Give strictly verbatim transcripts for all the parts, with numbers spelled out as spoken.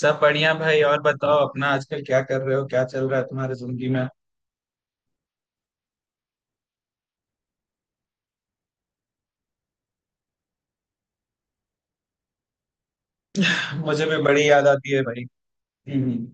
सब बढ़िया भाई। और बताओ अपना आजकल क्या कर रहे हो, क्या चल रहा है तुम्हारी जिंदगी में। मुझे भी बड़ी याद आती है भाई। हम्म।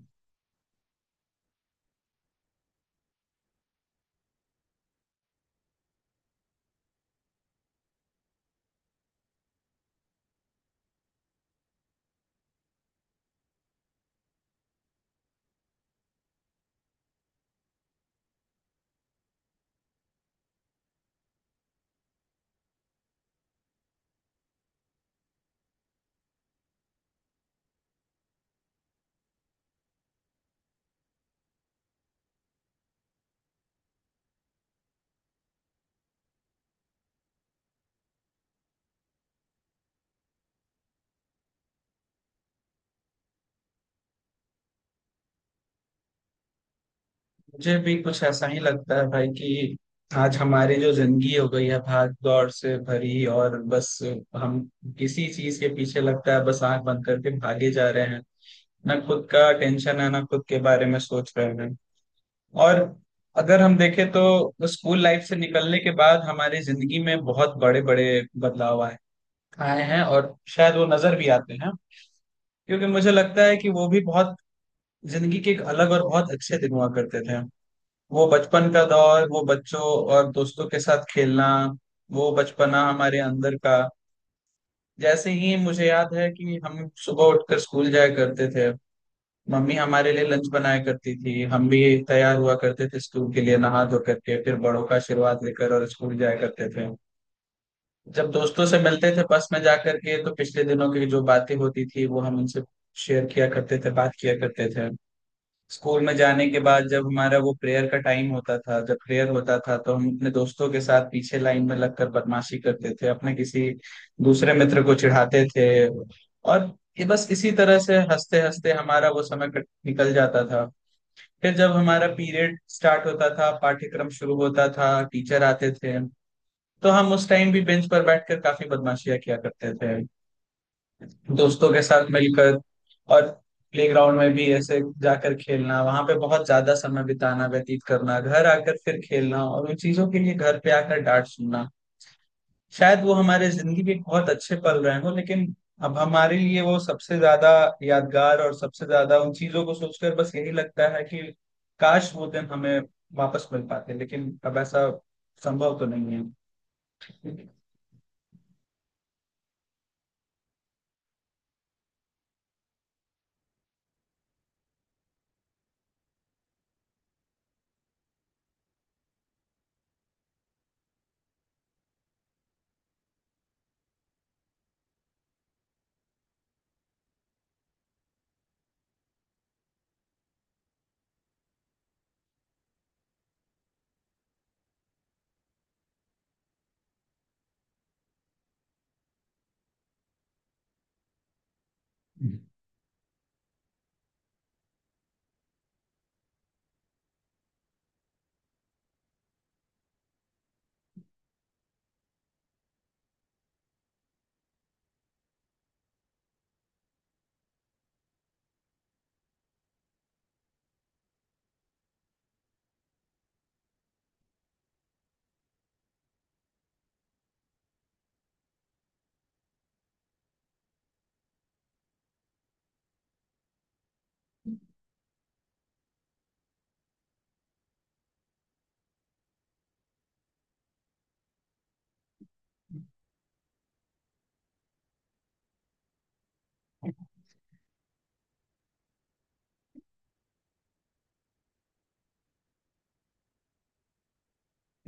मुझे भी कुछ ऐसा ही लगता है भाई कि आज हमारी जो जिंदगी हो गई है भाग दौड़ से भरी, और बस हम किसी चीज के पीछे लगता है बस आंख बंद करके भागे जा रहे हैं। ना खुद का टेंशन है, ना खुद के बारे में सोच रहे हैं। और अगर हम देखें तो स्कूल लाइफ से निकलने के बाद हमारी जिंदगी में बहुत बड़े बड़े बदलाव आए आए हैं, और शायद वो नजर भी आते हैं। क्योंकि मुझे लगता है कि वो भी बहुत जिंदगी के एक अलग और बहुत अच्छे दिन हुआ करते थे। वो बचपन का दौर, वो बच्चों और दोस्तों के साथ खेलना, वो बचपना हमारे अंदर का। जैसे ही मुझे याद है कि हम सुबह उठकर स्कूल जाया करते थे। मम्मी हमारे लिए लंच बनाया करती थी। हम भी तैयार हुआ करते थे स्कूल के लिए, नहा धो करके, फिर बड़ों का आशीर्वाद लेकर, और स्कूल जाया करते थे। जब दोस्तों से मिलते थे बस में जाकर के, तो पिछले दिनों की जो बातें होती थी वो हम उनसे शेयर किया करते थे, बात किया करते थे। स्कूल में जाने के बाद जब हमारा वो प्रेयर का टाइम होता था, जब प्रेयर होता था, तो हम अपने दोस्तों के साथ पीछे लाइन में लगकर बदमाशी करते थे, अपने किसी दूसरे मित्र को चिढ़ाते थे। और ये बस इसी तरह से हंसते हंसते हमारा वो समय कट- निकल जाता था। फिर जब हमारा पीरियड स्टार्ट होता था, पाठ्यक्रम शुरू होता था, टीचर आते थे, तो हम उस टाइम भी बेंच पर बैठकर काफी बदमाशियां किया करते थे दोस्तों के साथ मिलकर। और प्लेग्राउंड में भी ऐसे जाकर खेलना, वहां पे बहुत ज्यादा समय बिताना, व्यतीत करना, घर आकर फिर खेलना, और उन चीजों के लिए घर पे आकर डांट सुनना। शायद वो हमारे जिंदगी के बहुत अच्छे पल रहे हों, लेकिन अब हमारे लिए वो सबसे ज्यादा यादगार, और सबसे ज्यादा उन चीजों को सोचकर बस यही लगता है कि काश वो दिन हमें वापस मिल पाते, लेकिन अब ऐसा संभव तो नहीं है।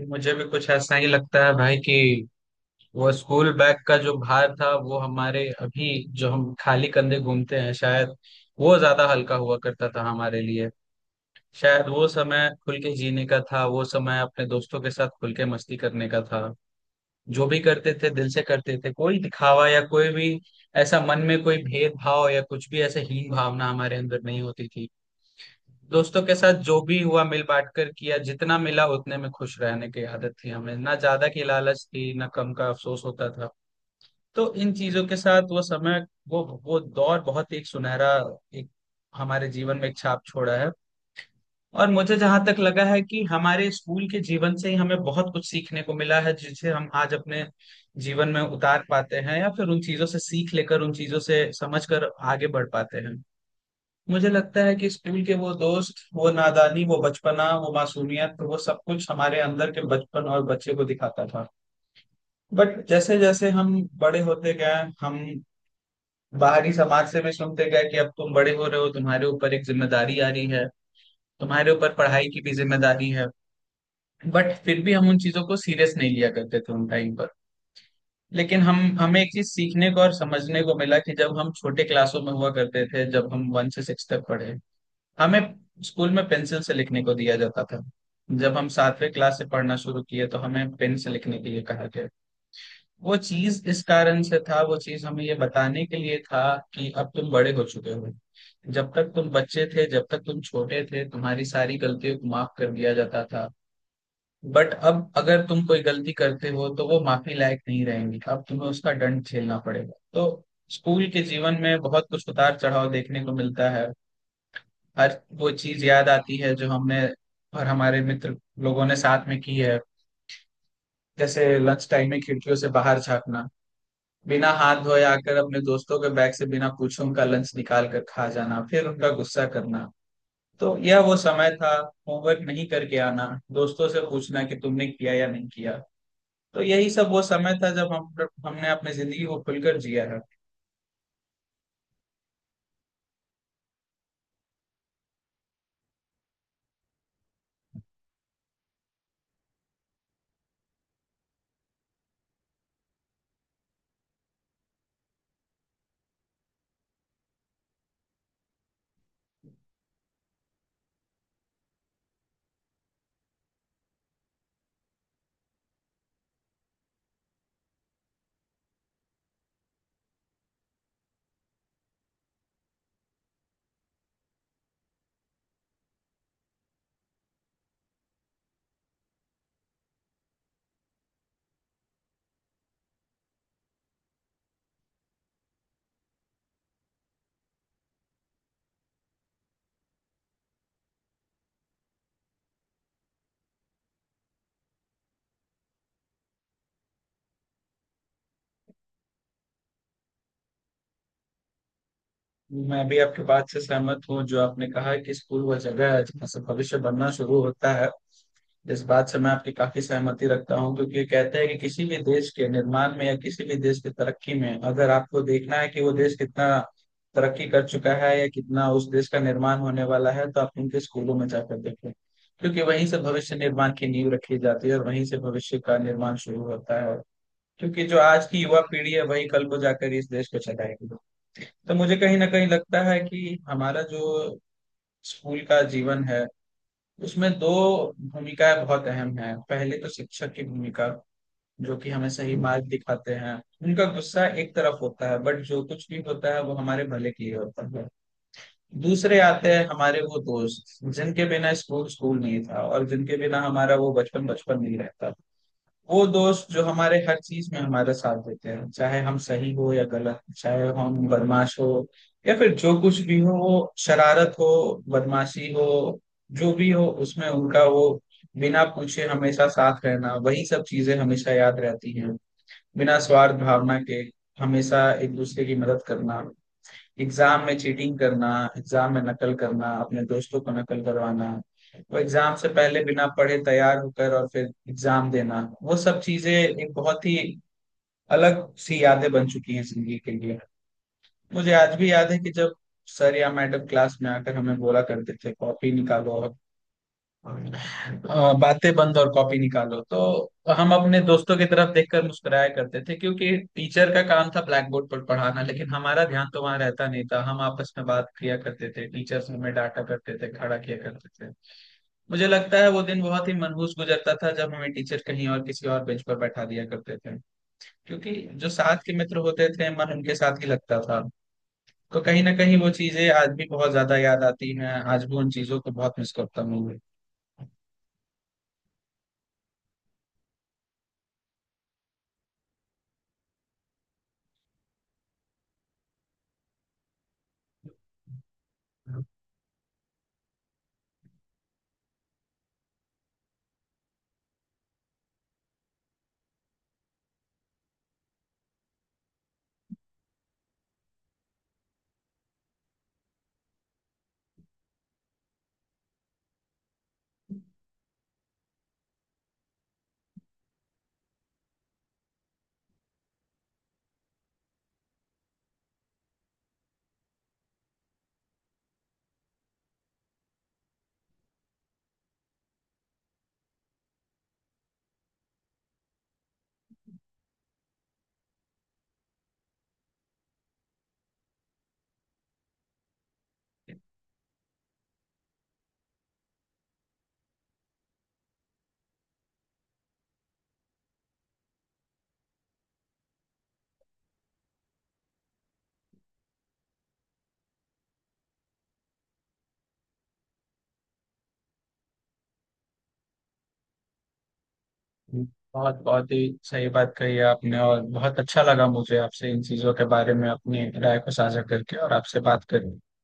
मुझे भी कुछ ऐसा ही लगता है भाई कि वो स्कूल बैग का जो भार था, वो हमारे अभी जो हम खाली कंधे घूमते हैं, शायद वो ज्यादा हल्का हुआ करता था हमारे लिए। शायद वो समय खुल के जीने का था, वो समय अपने दोस्तों के साथ खुल के मस्ती करने का था। जो भी करते थे दिल से करते थे, कोई दिखावा या कोई भी ऐसा मन में कोई भेदभाव या कुछ भी ऐसे हीन भावना हमारे अंदर नहीं होती थी। दोस्तों के साथ जो भी हुआ मिल बांट कर किया, जितना मिला उतने में खुश रहने की आदत थी हमें, ना ज्यादा की लालच थी, ना कम का अफसोस होता था। तो इन चीजों के साथ वो समय, वो वो दौर बहुत ही एक सुनहरा, एक हमारे जीवन में एक छाप छोड़ा है। और मुझे जहां तक लगा है कि हमारे स्कूल के जीवन से ही हमें बहुत कुछ सीखने को मिला है, जिसे हम आज अपने जीवन में उतार पाते हैं, या फिर उन चीजों से सीख लेकर, उन चीजों से समझ कर आगे बढ़ पाते हैं। मुझे लगता है कि स्कूल के वो दोस्त, वो नादानी, वो बचपना, वो मासूमियत, वो सब कुछ हमारे अंदर के बचपन और बच्चे को दिखाता था। बट जैसे जैसे हम बड़े होते गए, हम बाहरी समाज से भी सुनते गए कि अब तुम बड़े हो रहे हो, तुम्हारे ऊपर एक जिम्मेदारी आ रही है, तुम्हारे ऊपर पढ़ाई की भी जिम्मेदारी है। बट फिर भी हम उन चीजों को सीरियस नहीं लिया करते थे उन टाइम पर। लेकिन हम हमें एक चीज सीखने को और समझने को मिला कि जब हम छोटे क्लासों में हुआ करते थे, जब हम वन से सिक्स तक पढ़े, हमें स्कूल में पेंसिल से लिखने को दिया जाता था। जब हम सातवें क्लास से पढ़ना शुरू किए, तो हमें पेन से लिखने के लिए कहा गया। वो चीज इस कारण से था, वो चीज हमें ये बताने के लिए था कि अब तुम बड़े हो चुके हो। जब तक तुम बच्चे थे, जब तक तुम छोटे थे, तुम्हारी सारी गलतियों को माफ कर दिया जाता था। बट अब अगर तुम कोई गलती करते हो, तो वो माफी लायक नहीं रहेंगी, अब तुम्हें उसका दंड झेलना पड़ेगा। तो स्कूल के जीवन में बहुत कुछ उतार चढ़ाव देखने को मिलता है। हर वो चीज याद आती है जो हमने और हमारे मित्र लोगों ने साथ में की है। जैसे लंच टाइम में खिड़कियों से बाहर झांकना, बिना हाथ धोए आकर अपने दोस्तों के बैग से बिना पूछे उनका लंच निकाल कर खा जाना, फिर उनका गुस्सा करना। तो यह वो समय था, होमवर्क नहीं करके आना, दोस्तों से पूछना कि तुमने किया या नहीं किया। तो यही सब वो समय था जब हम हमने अपनी जिंदगी को खुलकर जिया है। मैं भी आपके बात से सहमत हूँ जो आपने कहा कि स्कूल वह जगह है जहाँ से भविष्य बनना शुरू होता है। इस बात से मैं आपकी काफी सहमति रखता हूँ, क्योंकि कहते हैं कि किसी भी देश के निर्माण में या किसी भी देश की तरक्की में अगर आपको देखना है कि वो देश कितना तरक्की कर चुका है या कितना उस देश का निर्माण होने वाला है, तो आप उनके स्कूलों में जाकर देखें, क्योंकि वहीं से भविष्य निर्माण की नींव रखी जाती है और वहीं से भविष्य का निर्माण शुरू होता है। क्योंकि जो आज की युवा पीढ़ी है वही कल को जाकर इस देश को चलाएगी। तो मुझे कहीं ना कहीं लगता है कि हमारा जो स्कूल का जीवन है, उसमें दो भूमिकाएं बहुत अहम हैं। पहले तो शिक्षक की भूमिका, जो कि हमें सही मार्ग दिखाते हैं। उनका गुस्सा एक तरफ होता है, बट जो कुछ भी होता है वो हमारे भले के लिए होता है। दूसरे आते हैं हमारे वो दोस्त, जिनके बिना स्कूल स्कूल नहीं था और जिनके बिना हमारा वो बचपन बचपन नहीं रहता। वो दोस्त जो हमारे हर चीज में हमारा साथ देते हैं, चाहे हम सही हो या गलत, चाहे हम बदमाश हो या फिर जो कुछ भी हो, वो शरारत हो, बदमाशी हो, जो भी हो उसमें उनका वो बिना पूछे हमेशा साथ रहना, वही सब चीजें हमेशा याद रहती हैं। बिना स्वार्थ भावना के हमेशा एक दूसरे की मदद करना, एग्जाम में चीटिंग करना, एग्जाम में नकल करना, अपने दोस्तों को नकल करवाना, वो एग्जाम से पहले बिना पढ़े तैयार होकर और फिर एग्जाम देना, वो सब चीजें एक बहुत ही अलग सी यादें बन चुकी हैं जिंदगी के लिए। मुझे आज भी याद है कि जब सर या मैडम क्लास में आकर हमें बोला करते थे कॉपी निकालो और अ, बातें बंद और कॉपी निकालो, तो हम अपने दोस्तों की तरफ देखकर मुस्कुराया करते थे, क्योंकि टीचर का काम था ब्लैक बोर्ड पर पढ़ाना, लेकिन हमारा ध्यान तो वहां रहता नहीं था, हम आपस में बात किया करते थे। टीचर्स हमें डांटा करते थे, खड़ा किया करते थे। मुझे लगता है वो दिन बहुत ही मनहूस गुजरता था जब हमें टीचर कहीं और किसी और बेंच पर बैठा दिया करते थे, क्योंकि जो साथ के मित्र होते थे, मन उनके साथ ही लगता था। तो कहीं ना कहीं वो चीजें आज भी बहुत ज्यादा याद आती हैं, आज भी उन चीजों को बहुत मिस करता हूँ। बहुत बहुत ही सही बात कही आपने, और बहुत अच्छा लगा मुझे आपसे इन चीजों के बारे में अपनी राय को साझा करके और आपसे बात करके।